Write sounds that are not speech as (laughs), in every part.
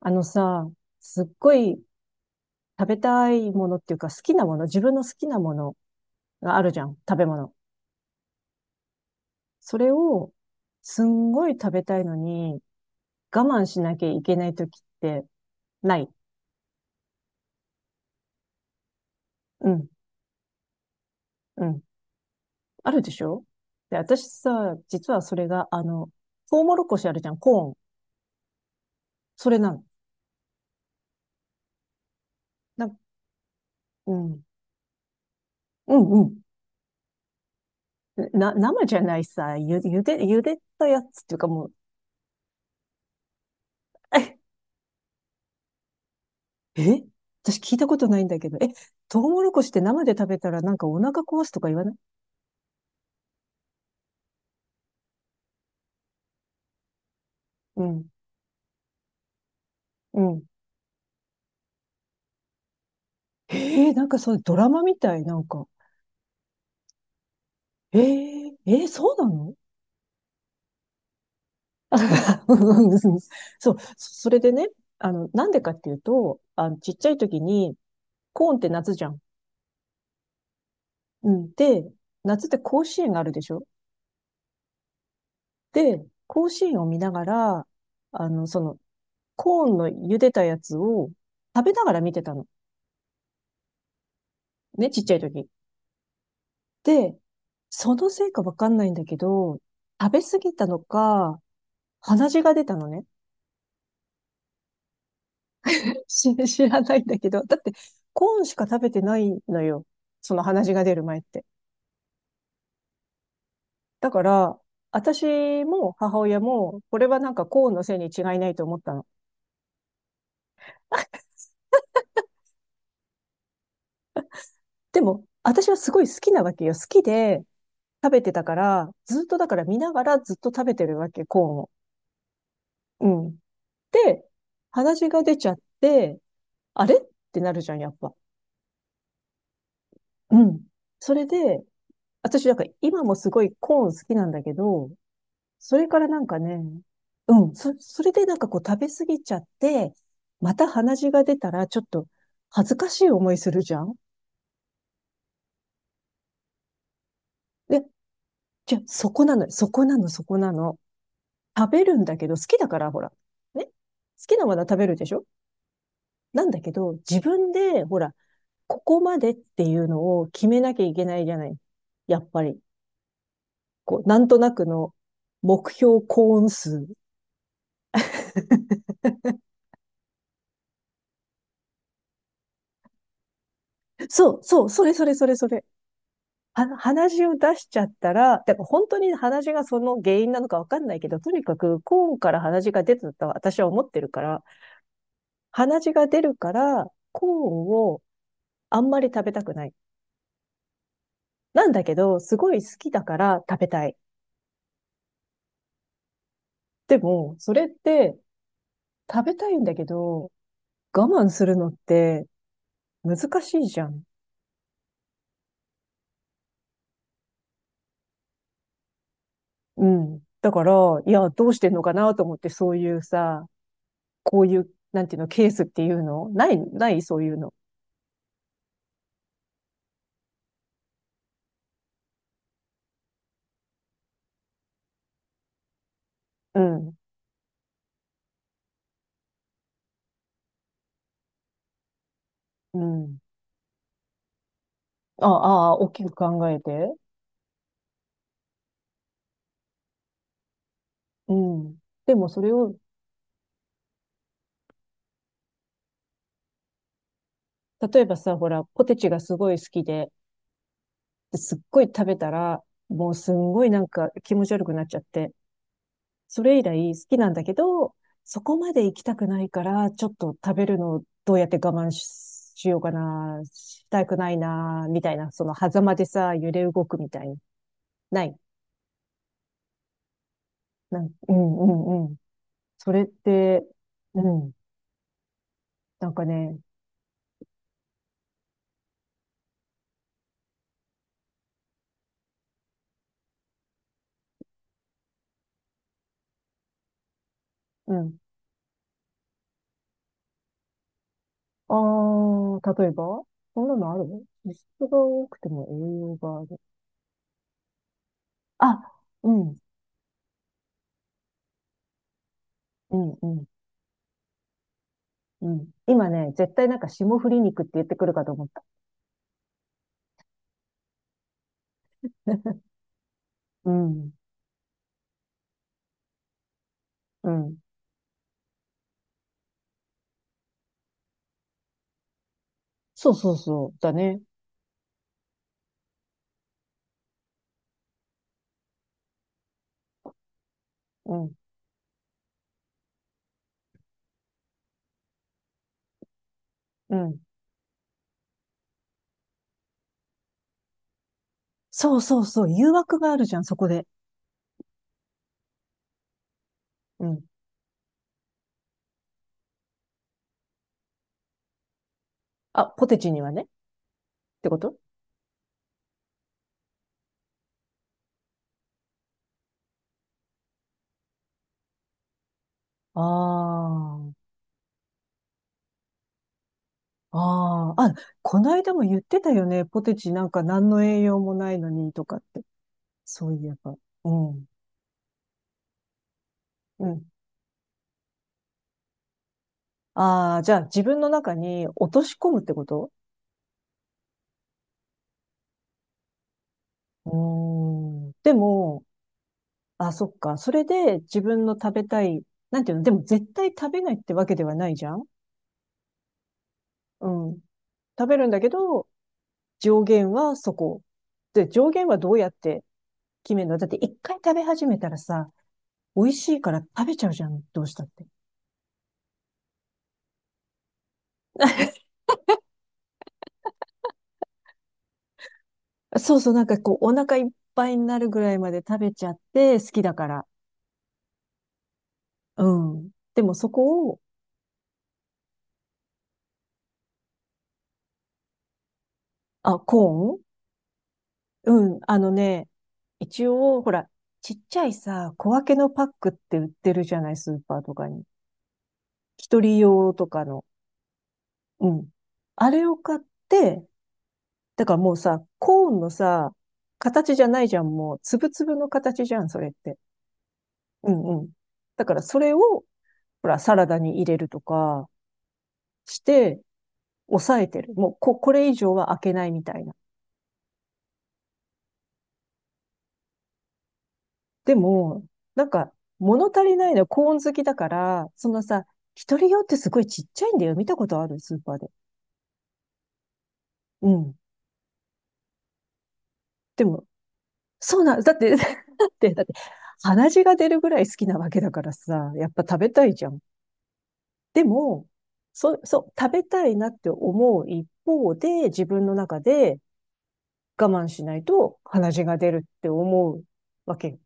あのさ、すっごい食べたいものっていうか好きなもの、自分の好きなものがあるじゃん、食べ物。それをすんごい食べたいのに我慢しなきゃいけない時ってない？うん、うん。あるでしょ？で、私さ、実はそれが、トウモロコシあるじゃん、コーン。それなの。な、うん、うん、うん。生じゃないさ、ゆでたやつっていうかもう、(laughs) え、私聞いたことないんだけど。え、トウモロコシって生で食べたらなんかお腹壊すとか言わない？うん。うん。えー、なんかそう、ドラマみたい、なんか。えー、えーそうなの？あ (laughs) うんうんうん (laughs) そう、それでね、なんでかっていうと、ちっちゃい時に、コーンって夏じゃん。うん。で、夏って甲子園があるでしょ？で、甲子園を見ながら、あの、その、コーンの茹でたやつを食べながら見てたの。ね、ちっちゃい時。で、そのせいかわかんないんだけど、食べ過ぎたのか、鼻血が出たのね。(laughs) 知らないんだけど、だってコーンしか食べてないのよ。その鼻血が出る前って。だから、私も母親も、これはなんかコーンのせいに違いないと思ったの。(laughs) でも、私はすごい好きなわけよ。好きで食べてたから、ずっとだから見ながらずっと食べてるわけ、コーンを。うん。で、鼻血が出ちゃって、あれってなるじゃん、やっぱ。うん。それで、私なんか今もすごいコーン好きなんだけど、それからなんかね、うん、それでなんかこう食べ過ぎちゃって、また鼻血が出たらちょっと恥ずかしい思いするじゃん。で、じゃあそこなのよ、そこなの、そこなの。食べるんだけど、好きだから、ほら。ね、好きなものは食べるでしょ？なんだけど、自分で、ほら、ここまでっていうのを決めなきゃいけないじゃない。やっぱり。こう、なんとなくの目標コーン数。そう、そう、それそれそれそれ。鼻血を出しちゃったら、だから本当に鼻血がその原因なのかわかんないけど、とにかくコーンから鼻血が出てたと私は思ってるから、鼻血が出るから、コーンをあんまり食べたくない。なんだけど、すごい好きだから食べたい。でも、それって食べたいんだけど、我慢するのって難しいじゃん。うん。だから、いや、どうしてんのかなと思って、そういうさ、こういう、なんていうの、ケースっていうのない、ない、そういうの。うん、うん。ああ、大きく考えて。うん。でもそれを、例えばさ、ほら、ポテチがすごい好きで、で、すっごい食べたら、もうすんごいなんか気持ち悪くなっちゃって、それ以来好きなんだけど、そこまで行きたくないから、ちょっと食べるのをどうやって我慢しようかな、したくないな、みたいな、その狭間でさ、揺れ動くみたいな。ない？うん、うん、うん。それって、うん。なんかね、うん。ああ、例えばそんなのあるの？脂質が多くても栄養がある？あ、うん、うん、うん、うん。今ね、絶対なんか霜降り肉って言ってくるかと思った。(laughs) うん、うん。そうそうそう、だね。うん、うん。そうそうそう、誘惑があるじゃん、そこで。うん。あ、ポテチにはね。ってこと？ああ、ああ、あ、こないだも言ってたよね。ポテチなんか何の栄養もないのにとかって。そういえば。うん、うん。ああ、じゃあ自分の中に落とし込むってこと？うーん。でも、あ、そっか。それで自分の食べたい、なんていうの、でも絶対食べないってわけではないじゃん？うん。食べるんだけど、上限はそこ。で、上限はどうやって決めるの？だって一回食べ始めたらさ、美味しいから食べちゃうじゃん。どうしたって。(laughs) そうそう、なんかこう、お腹いっぱいになるぐらいまで食べちゃって、好きだから。うん。でもそこを、あ、コーン？うん、あのね、一応、ほら、ちっちゃいさ、小分けのパックって売ってるじゃない、スーパーとかに。一人用とかの。うん。あれを買って、だからもうさ、コーンのさ、形じゃないじゃん、もう、つぶつぶの形じゃん、それって。うんうん。だからそれを、ほら、サラダに入れるとかして、抑えてる。もう、これ以上は開けないみたいな。でも、なんか、物足りないのはコーン好きだから、そのさ、一人用ってすごいちっちゃいんだよ。見たことあるスーパーで。うん。でも、そうなん、だって、(laughs) だって、だって、鼻血が出るぐらい好きなわけだからさ、やっぱ食べたいじゃん。でも、そう、食べたいなって思う一方で、自分の中で我慢しないと鼻血が出るって思うわけ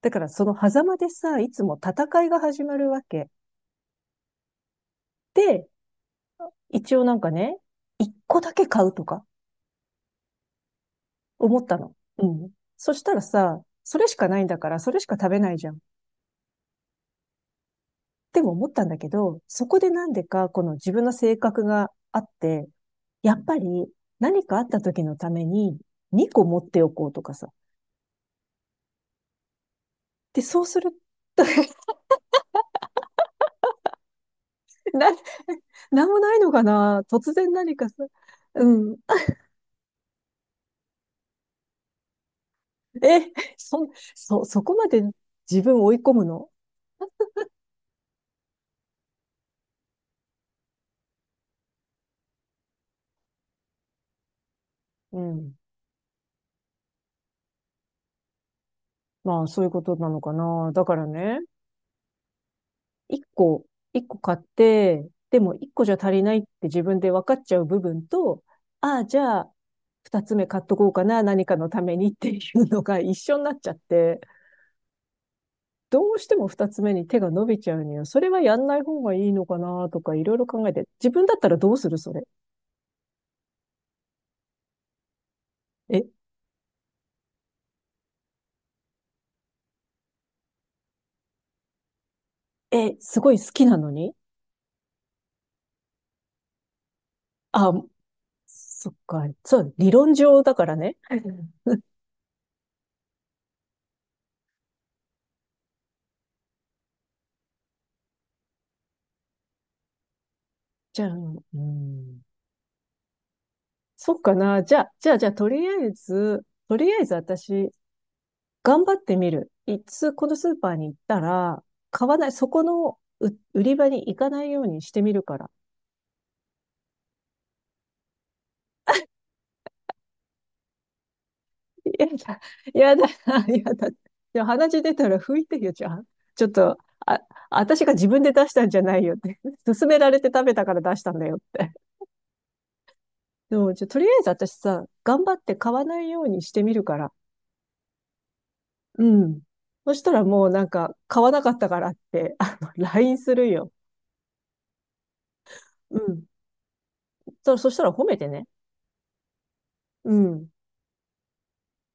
だから、その狭間でさ、いつも戦いが始まるわけ。で、一応なんかね、一個だけ買うとか思ったの。うん。そしたらさ、それしかないんだから、それしか食べないじゃん。でも思ったんだけど、そこでなんでか、この自分の性格があって、やっぱり何かあった時のために2個持っておこうとかさ。で、そうすると (laughs) な、なんもないのかな？突然何かさ。うん。え、そ、そこまで自分を追い込むの？うん。まあ、そういうことなのかな。だからね、一個、一個買って、でも一個じゃ足りないって自分で分かっちゃう部分と、ああ、じゃあ、二つ目買っとこうかな、何かのためにっていうのが一緒になっちゃって、どうしても二つ目に手が伸びちゃうには、それはやんない方がいいのかなとかいろいろ考えて、自分だったらどうする、それ？え、え、すごい好きなのに？あ、そっか、そう、理論上だからね。じゃあ、うん、そっかな。じゃあ、とりあえず私、頑張ってみる。このスーパーに行ったら、買わない、そこの売り場に行かないようにしてみるから。やだ、(laughs) やだ、(laughs) やだ。で鼻血出たら拭いてよ、じゃあ。ちょっと、あ、私が自分で出したんじゃないよって。(laughs) 勧められて食べたから出したんだよって。でも、じゃあとりあえず私さ、頑張って買わないようにしてみるから。うん。そしたらもうなんか、買わなかったからって、LINE するよ。うん。そしたら褒めてね。うん。